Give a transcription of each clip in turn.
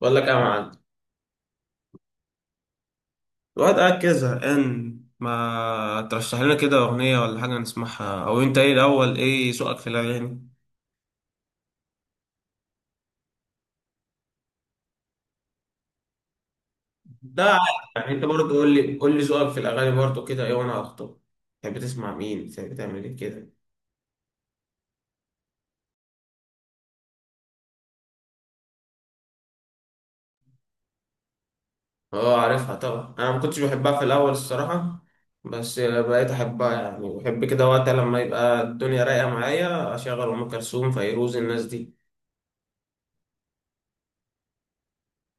بقول لك ايه يا معلم. الواحد قاعد كده زهقان، ما ترشح لنا كده أغنية ولا حاجة نسمعها؟ أو أنت إيه الأول، إيه ذوقك في الأغاني؟ ده عادي. يعني انت برضه قول لي ذوقك في الاغاني برضه كده ايه وانا اخطب. تحب تسمع مين، تحب تعمل ايه كده؟ اه، عارفها طبعا. انا ما كنتش بحبها في الاول الصراحه، بس بقيت احبها، يعني بحب كده وقت لما يبقى الدنيا رايقه معايا اشغل ام كلثوم، فيروز، الناس دي.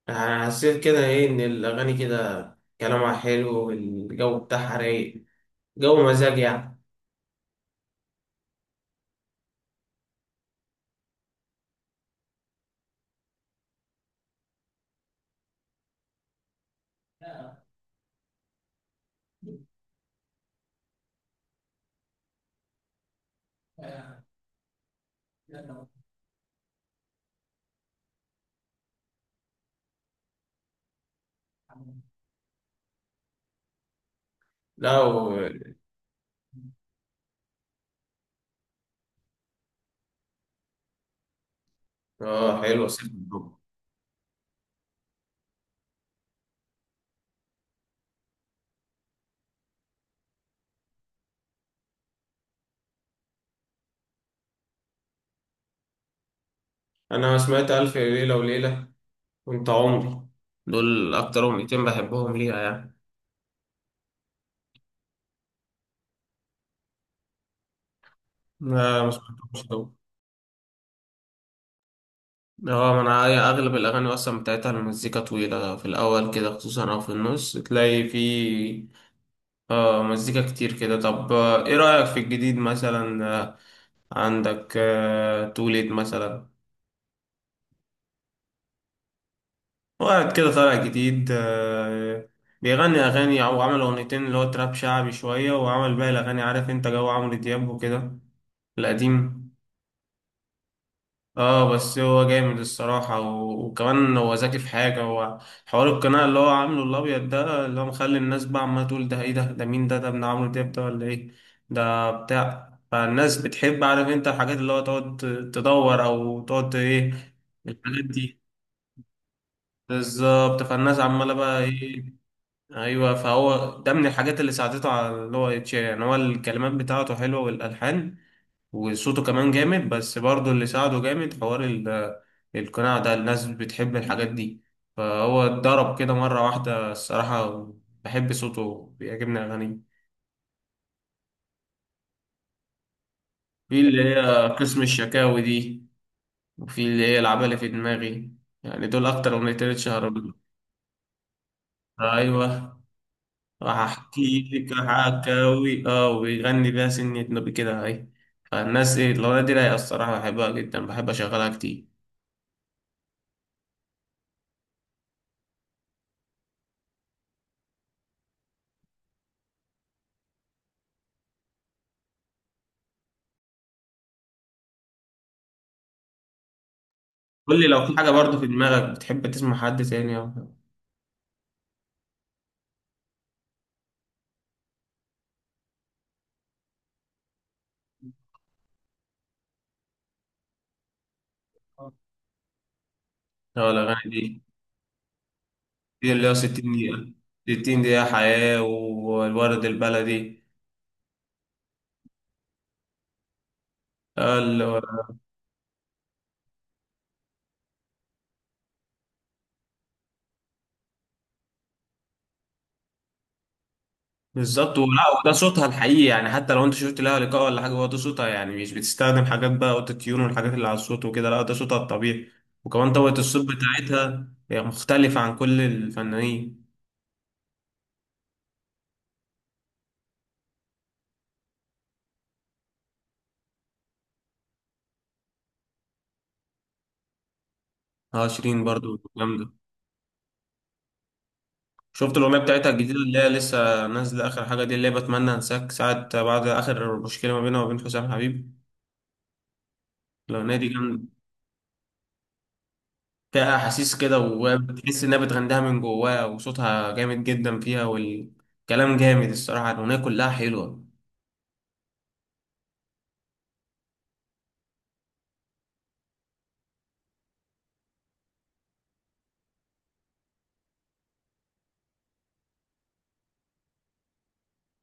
يعني حسيت كده ايه ان الاغاني كده كلامها حلو والجو بتاعها رايق، جو مزاج يعني. لا. اه حلو، سيف الحب. انا سمعت الف ليله وليله، وانت عمري، دول اكتر اغنيتين بحبهم ليها يعني. ما سمعتهمش دول. اه، ما انا هي اغلب الاغاني اصلا بتاعتها المزيكا طويله في الاول كده خصوصا، او في النص تلاقي في اه مزيكا كتير كده. طب ايه رايك في الجديد مثلا؟ عندك توليد مثلا، وقعد كده طالع جديد، بيغني أغاني، أو عمل أغنيتين اللي هو تراب شعبي شوية، وعمل باقي الأغاني عارف أنت جو عمرو دياب وكده، القديم. اه بس هو جامد الصراحة، وكمان هو ذكي في حاجة. هو حوار القناع اللي هو عامله الأبيض ده، اللي هو مخلي الناس بقى عمالة تقول ده ايه ده، ده مين ده، ده ابن عمرو دياب ده ولا ايه ده بتاع. فالناس بتحب عارف انت الحاجات اللي هو تقعد تدور أو تقعد ايه، الحاجات دي. بالظبط، فالناس عمالة بقى ايه. ايوه، فهو ده من الحاجات اللي ساعدته على اللي هو يتشهر. يعني هو الكلمات بتاعته حلوه والالحان وصوته كمان جامد، بس برضه اللي ساعده جامد حوار القناع ده، الناس بتحب الحاجات دي. فهو اتضرب كده مره واحده الصراحه، بحب صوته، بيعجبني اغانيه. في اللي هي قسم الشكاوي دي، وفي اللي هي العبالة في دماغي، يعني دول اكتر اغنيتين اتشهروا بيهم. ايوه، راح احكي لك حكاوي اه، ويغني بيها سنة نوبي كده اهي. فالناس، ايه الاغنية دي رايقة الصراحة، بحبها جدا، بحب اشغلها كتير. قول لي لو في حاجة برضه في دماغك بتحب تسمع حد تاني او حاجة. اه الاغاني دي، اللي هو 60 دقيقة، 60 دقيقة حياة والورد البلدي. بالظبط، ولا وده صوتها الحقيقي يعني، حتى لو انت شفت لها لقاء ولا حاجه هو ده صوتها يعني، مش بتستخدم حاجات بقى اوتو تيون والحاجات اللي على الصوت وكده، لا ده صوتها الطبيعي. وكمان طبقه الصوت بتاعتها هي مختلفه عن كل الفنانين. اه شيرين برضو جامده. شفت الاغنيه بتاعتها الجديده اللي هي لسه نازله اخر حاجه دي، اللي هي بتمنى انساك ساعه بعد اخر مشكله ما بينها وبين حسام حبيب؟ الاغنيه دي جامده، فيها احاسيس كده وبتحس انها بتغنيها من جواها وصوتها جامد جدا فيها والكلام جامد الصراحه، الاغنيه كلها حلوه.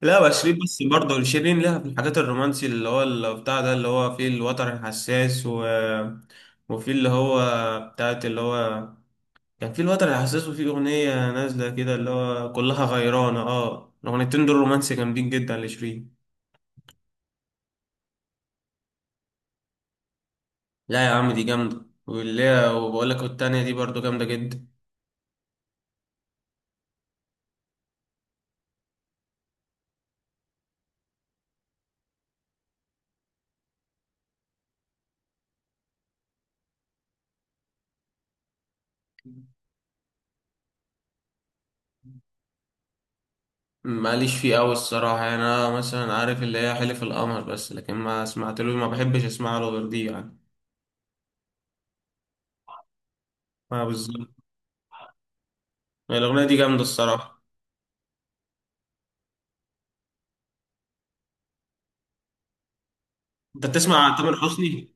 لا بس شيرين، بس برضه شيرين لها في الحاجات الرومانسي اللي هو اللي بتاع ده، اللي هو فيه الوتر الحساس، وفيه اللي هو بتاعت اللي هو كان فيه الوتر الحساس، وفيه أغنية نازلة كده اللي هو كلها غيرانة، اه الأغنيتين دول رومانسي جامدين جدا لشيرين. لا يا عم دي جامدة، واللي هي وبقول لك والتانية دي برضه جامدة جدا. ماليش فيه أوي الصراحة، يعني أنا مثلا عارف اللي هي حلف القمر بس، لكن ما سمعتلوش، ما بحبش أسمع له غير دي يعني. ما بالظبط، الأغنية دي جامدة الصراحة. انت بتسمع تامر حسني؟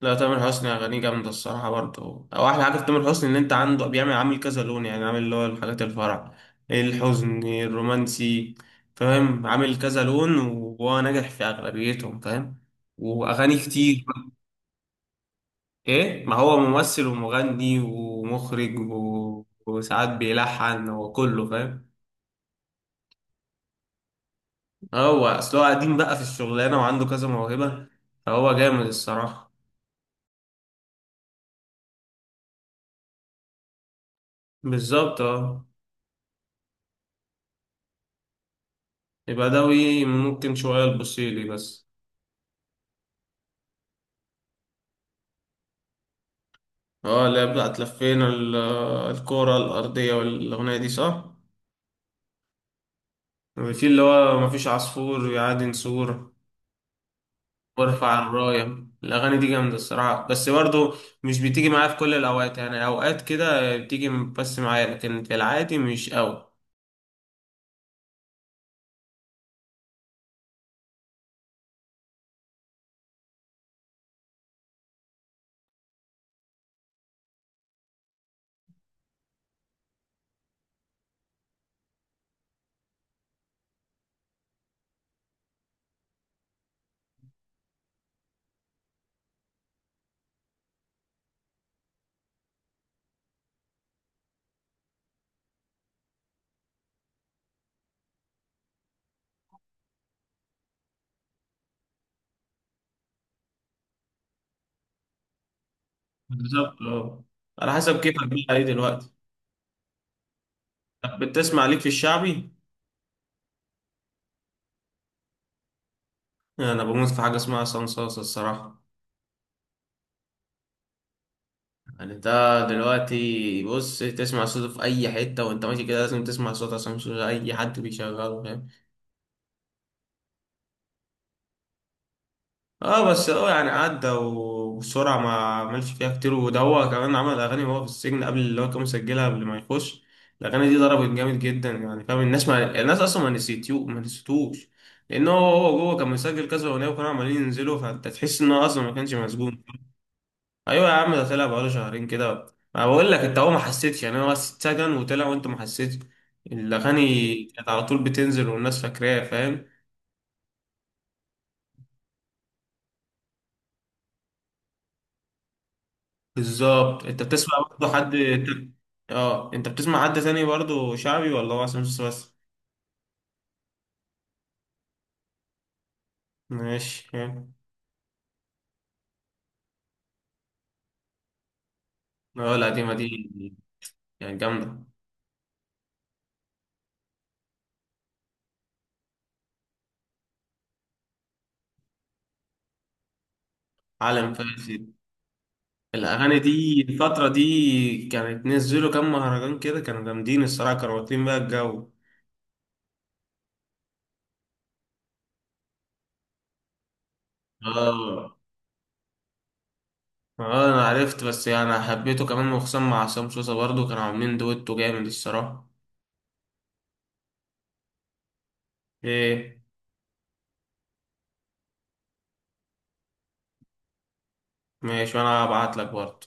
لا تامر حسني اغانيه جامده الصراحه برضه، او احلى حاجه في تامر حسني ان انت عنده بيعمل عامل كذا لون، يعني عامل اللي هو الحاجات الفرح، الحزن، الرومانسي، فاهم؟ عامل كذا لون وهو ناجح في اغلبيتهم، فاهم، واغاني كتير. ايه ما هو ممثل ومغني ومخرج وساعات بيلحن وكله، فاهم. هو اصل هو قديم بقى في الشغلانه وعنده كذا موهبه، فهو جامد الصراحه. بالظبط اه. يبقى دوي ممكن شوية، البوسيلي بس. اه اللي هي بتاعت لفينا الكرة الأرضية، والأغنية دي صح؟ وفي اللي هو مفيش عصفور يعادي نسور، وارفع الراية، الأغاني دي جامدة الصراحة، بس برضه مش بتيجي معايا في كل الأوقات، يعني أوقات كده بتيجي بس معايا لكن في العادي مش أوي. بالظبط اه. على حسب كيفك بقى إيه دلوقتي. طب بتسمع ليك في الشعبي؟ أنا بموت في حاجة اسمها صنصاصة الصراحة. يعني انت دلوقتي بص، تسمع صوته في اي حته وانت ماشي كده، لازم تسمع صوت عصام صوصه، اي حد بيشغله، فاهم. اه بس هو يعني عدى وبسرعه، ما عملش فيها كتير، وده هو كمان عمل اغاني وهو في السجن، قبل اللي هو كان مسجلها قبل ما يخش. الاغاني دي ضربت جامد جدا يعني، فاهم، الناس ما يعني الناس اصلا ما نسيتيو، ما نسيتوش، لان هو هو جوه كان مسجل كذا اغنيه وكانوا عمالين ينزلوا، فانت تحس ان هو اصلا ما كانش مسجون. ايوه يا عم ده طلع بقاله شهرين كده. ما بقول لك انت هو ما حسيتش، يعني هو بس اتسجن وطلع وانت ما حسيتش. الاغاني كانت على طول بتنزل والناس فاكراها، فاهم. بالظبط. انت بتسمع برضه حد، اه انت بتسمع حد تاني برضه شعبي ولا هو عصام صاصا بس؟ ماشي، فاهم. اه القديمه دي، يعني جامده. عالم فاسد، الاغاني دي الفتره دي كانت نزلوا كام مهرجان كده، كانوا جامدين الصراحه، كانوا واكلين بقى الجو. اه. اه انا عرفت، بس يعني انا حبيته كمان، وخصوصا مع عصام سوسة برضو، كانوا عاملين دويتو جامد الصراحة. ايه؟ ماشي، وانا هبعت لك برضو.